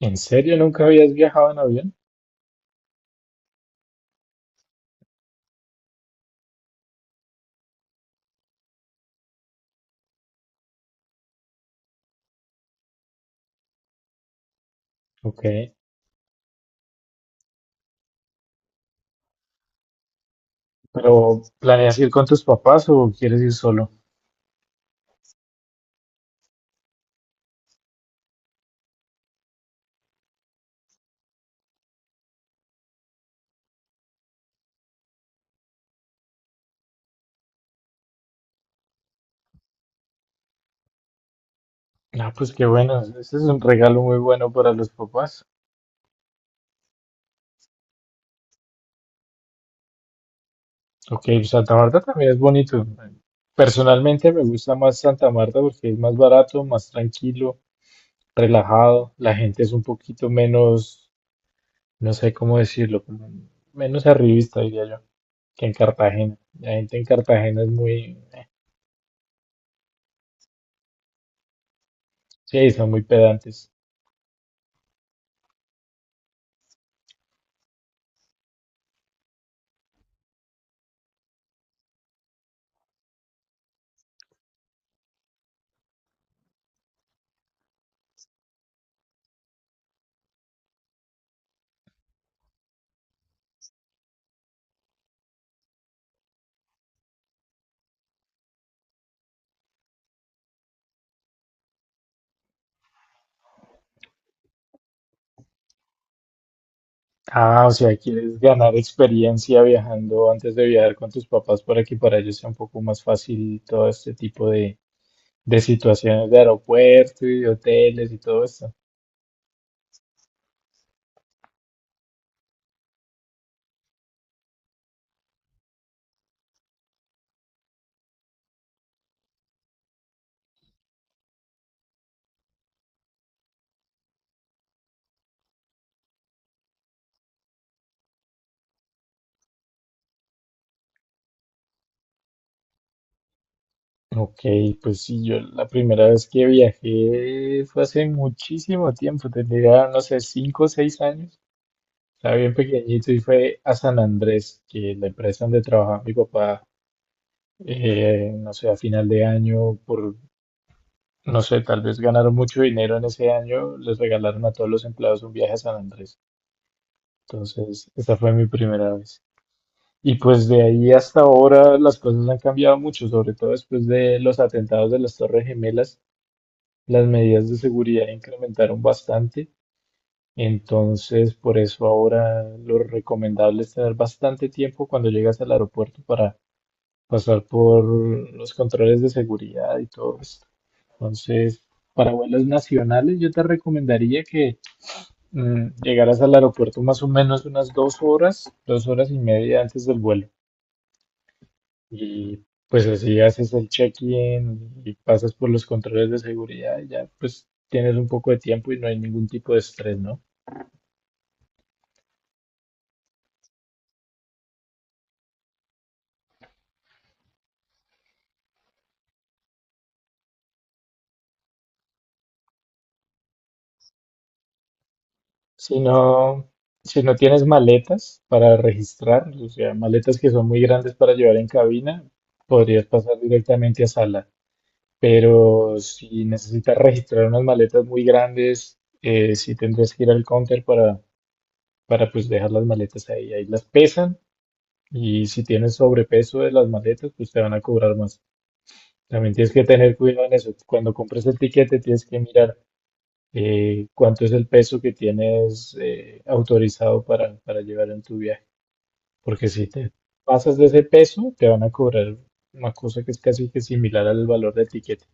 ¿En serio nunca habías viajado en avión? Ok, pero ¿planeas ir con tus papás o quieres ir solo? Ah, pues qué bueno, ese es un regalo muy bueno para los papás. Ok, Santa Marta también es bonito. Personalmente me gusta más Santa Marta porque es más barato, más tranquilo, relajado. La gente es un poquito menos, no sé cómo decirlo, como menos arribista, diría yo, que en Cartagena. La gente en Cartagena es muy, sí, son muy pedantes. Ah, o sea, quieres ganar experiencia viajando antes de viajar con tus papás para que para ellos sea un poco más fácil todo este tipo de situaciones de aeropuerto y de hoteles y todo esto. Ok, pues sí, yo la primera vez que viajé fue hace muchísimo tiempo, tendría, no sé, 5 o 6 años. Estaba bien pequeñito y fue a San Andrés, que la empresa donde trabajaba mi papá, no sé, a final de año. Por No sé, tal vez ganaron mucho dinero en ese año, les regalaron a todos los empleados un viaje a San Andrés. Entonces, esa fue mi primera vez. Y pues de ahí hasta ahora las cosas han cambiado mucho, sobre todo después de los atentados de las Torres Gemelas, las medidas de seguridad incrementaron bastante. Entonces, por eso ahora lo recomendable es tener bastante tiempo cuando llegas al aeropuerto para pasar por los controles de seguridad y todo esto. Entonces, para vuelos nacionales, yo te recomendaría que llegaras al aeropuerto más o menos unas 2 horas, 2 horas y media antes del vuelo. Y pues así haces el check-in y pasas por los controles de seguridad y ya pues tienes un poco de tiempo y no hay ningún tipo de estrés, ¿no? Si no, si no tienes maletas para registrar, o sea, maletas que son muy grandes para llevar en cabina, podrías pasar directamente a sala. Pero si necesitas registrar unas maletas muy grandes, sí tendrías que ir al counter para, pues dejar las maletas ahí. Ahí las pesan y si tienes sobrepeso de las maletas, pues te van a cobrar más. También tienes que tener cuidado en eso. Cuando compres el tiquete, tienes que mirar cuánto es el peso que tienes autorizado para, llevar en tu viaje. Porque si te pasas de ese peso, te van a cobrar una cosa que es casi que similar al valor del etiqueta.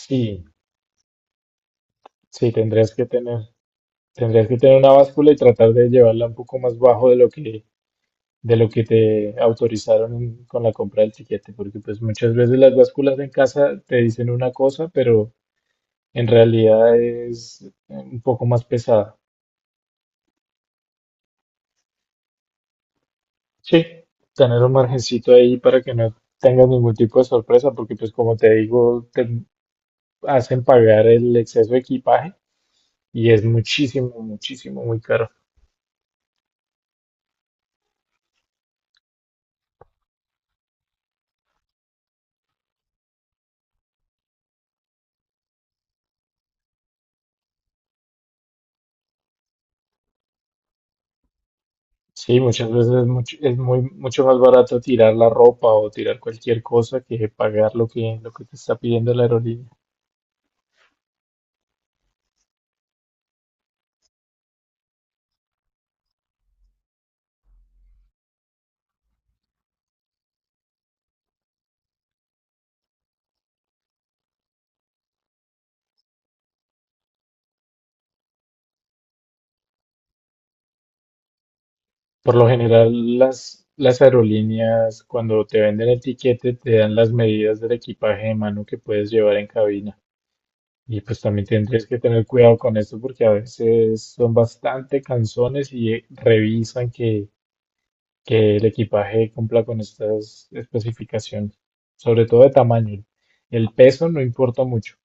Sí, sí, tendrías que tener una báscula y tratar de llevarla un poco más bajo de lo que te autorizaron con la compra del tiquete, porque pues muchas veces las básculas en casa te dicen una cosa, pero en realidad es un poco más pesada. Sí, tener un margencito ahí para que no tengas ningún tipo de sorpresa, porque pues como te digo, te hacen pagar el exceso de equipaje y es muchísimo, muchísimo, muy caro. Sí, muchas veces es mucho, es muy, mucho más barato tirar la ropa o tirar cualquier cosa que pagar lo que, te está pidiendo la aerolínea. Por lo general, las aerolíneas cuando te venden el tiquete te dan las medidas del equipaje de mano que puedes llevar en cabina. Y pues también tendrías que tener cuidado con esto porque a veces son bastante cansones y revisan que, el equipaje cumpla con estas especificaciones, sobre todo de tamaño. El peso no importa mucho,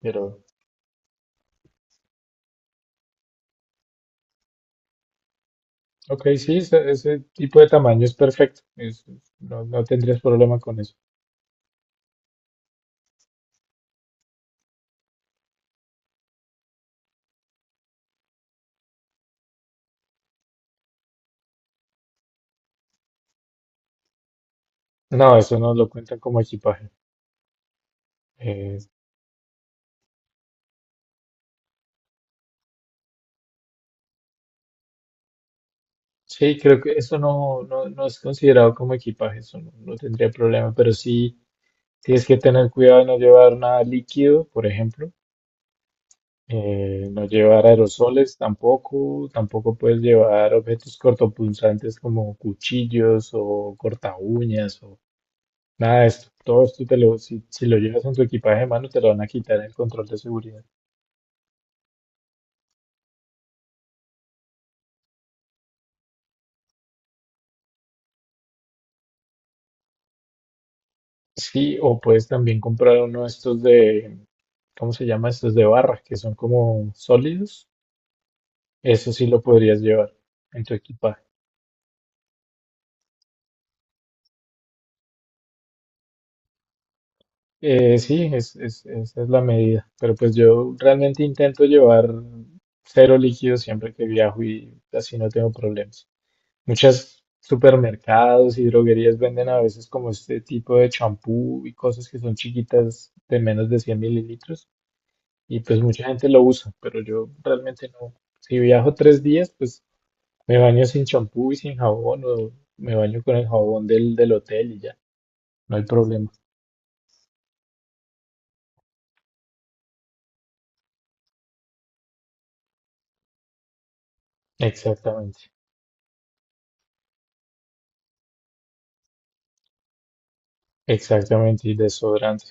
pero ok, sí, ese tipo de tamaño es perfecto. No tendrías problema con eso. No, eso no lo cuentan como equipaje. Eh, sí, creo que eso no, no es considerado como equipaje, eso no tendría problema, pero sí. Tienes que tener cuidado de no llevar nada líquido, por ejemplo. No llevar aerosoles tampoco. Tampoco puedes llevar objetos cortopunzantes como cuchillos o cortaúñas o nada de esto. Todo esto si lo llevas en tu equipaje de mano, te lo van a quitar en el control de seguridad. Sí, o puedes también comprar uno de estos de, ¿cómo se llama? Estos de barra, que son como sólidos. Eso sí lo podrías llevar en tu equipaje. Sí, esa es la medida. Pero pues yo realmente intento llevar cero líquidos siempre que viajo y así no tengo problemas. Muchas supermercados y droguerías venden a veces como este tipo de champú y cosas que son chiquitas de menos de 100 mililitros y pues mucha gente lo usa, pero yo realmente no. Si viajo 3 días, pues me baño sin champú y sin jabón o me baño con el jabón del hotel y ya, no hay problema. Exactamente. Exactamente, y desodorante.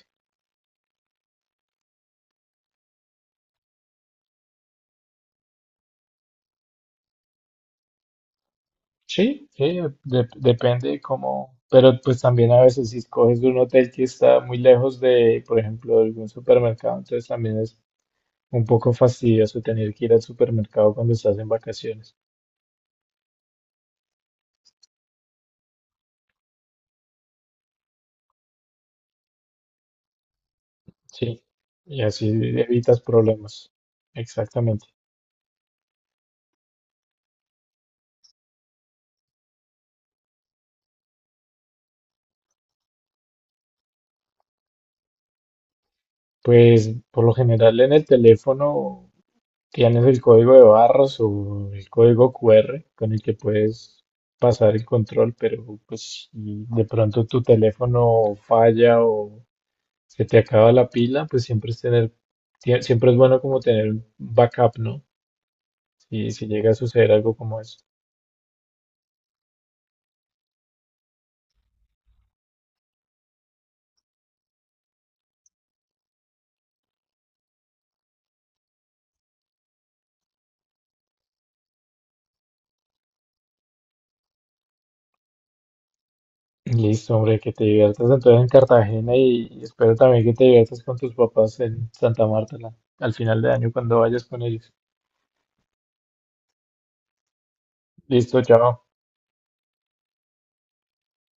Sí, sí, depende de cómo, pero pues también a veces si escoges de un hotel que está muy lejos de, por ejemplo, de algún supermercado, entonces también es un poco fastidioso tener que ir al supermercado cuando estás en vacaciones. Sí, y así evitas problemas. Exactamente. Pues por lo general en el teléfono tienes el código de barras o el código QR con el que puedes pasar el control, pero pues si de pronto tu teléfono falla o se te acaba la pila, pues siempre es bueno como tener un backup, ¿no? Si llega a suceder algo como eso. Listo, hombre, que te diviertas entonces en Cartagena y espero también que te diviertas con tus papás en Santa Marta al final de año cuando vayas con ellos. Listo, chao.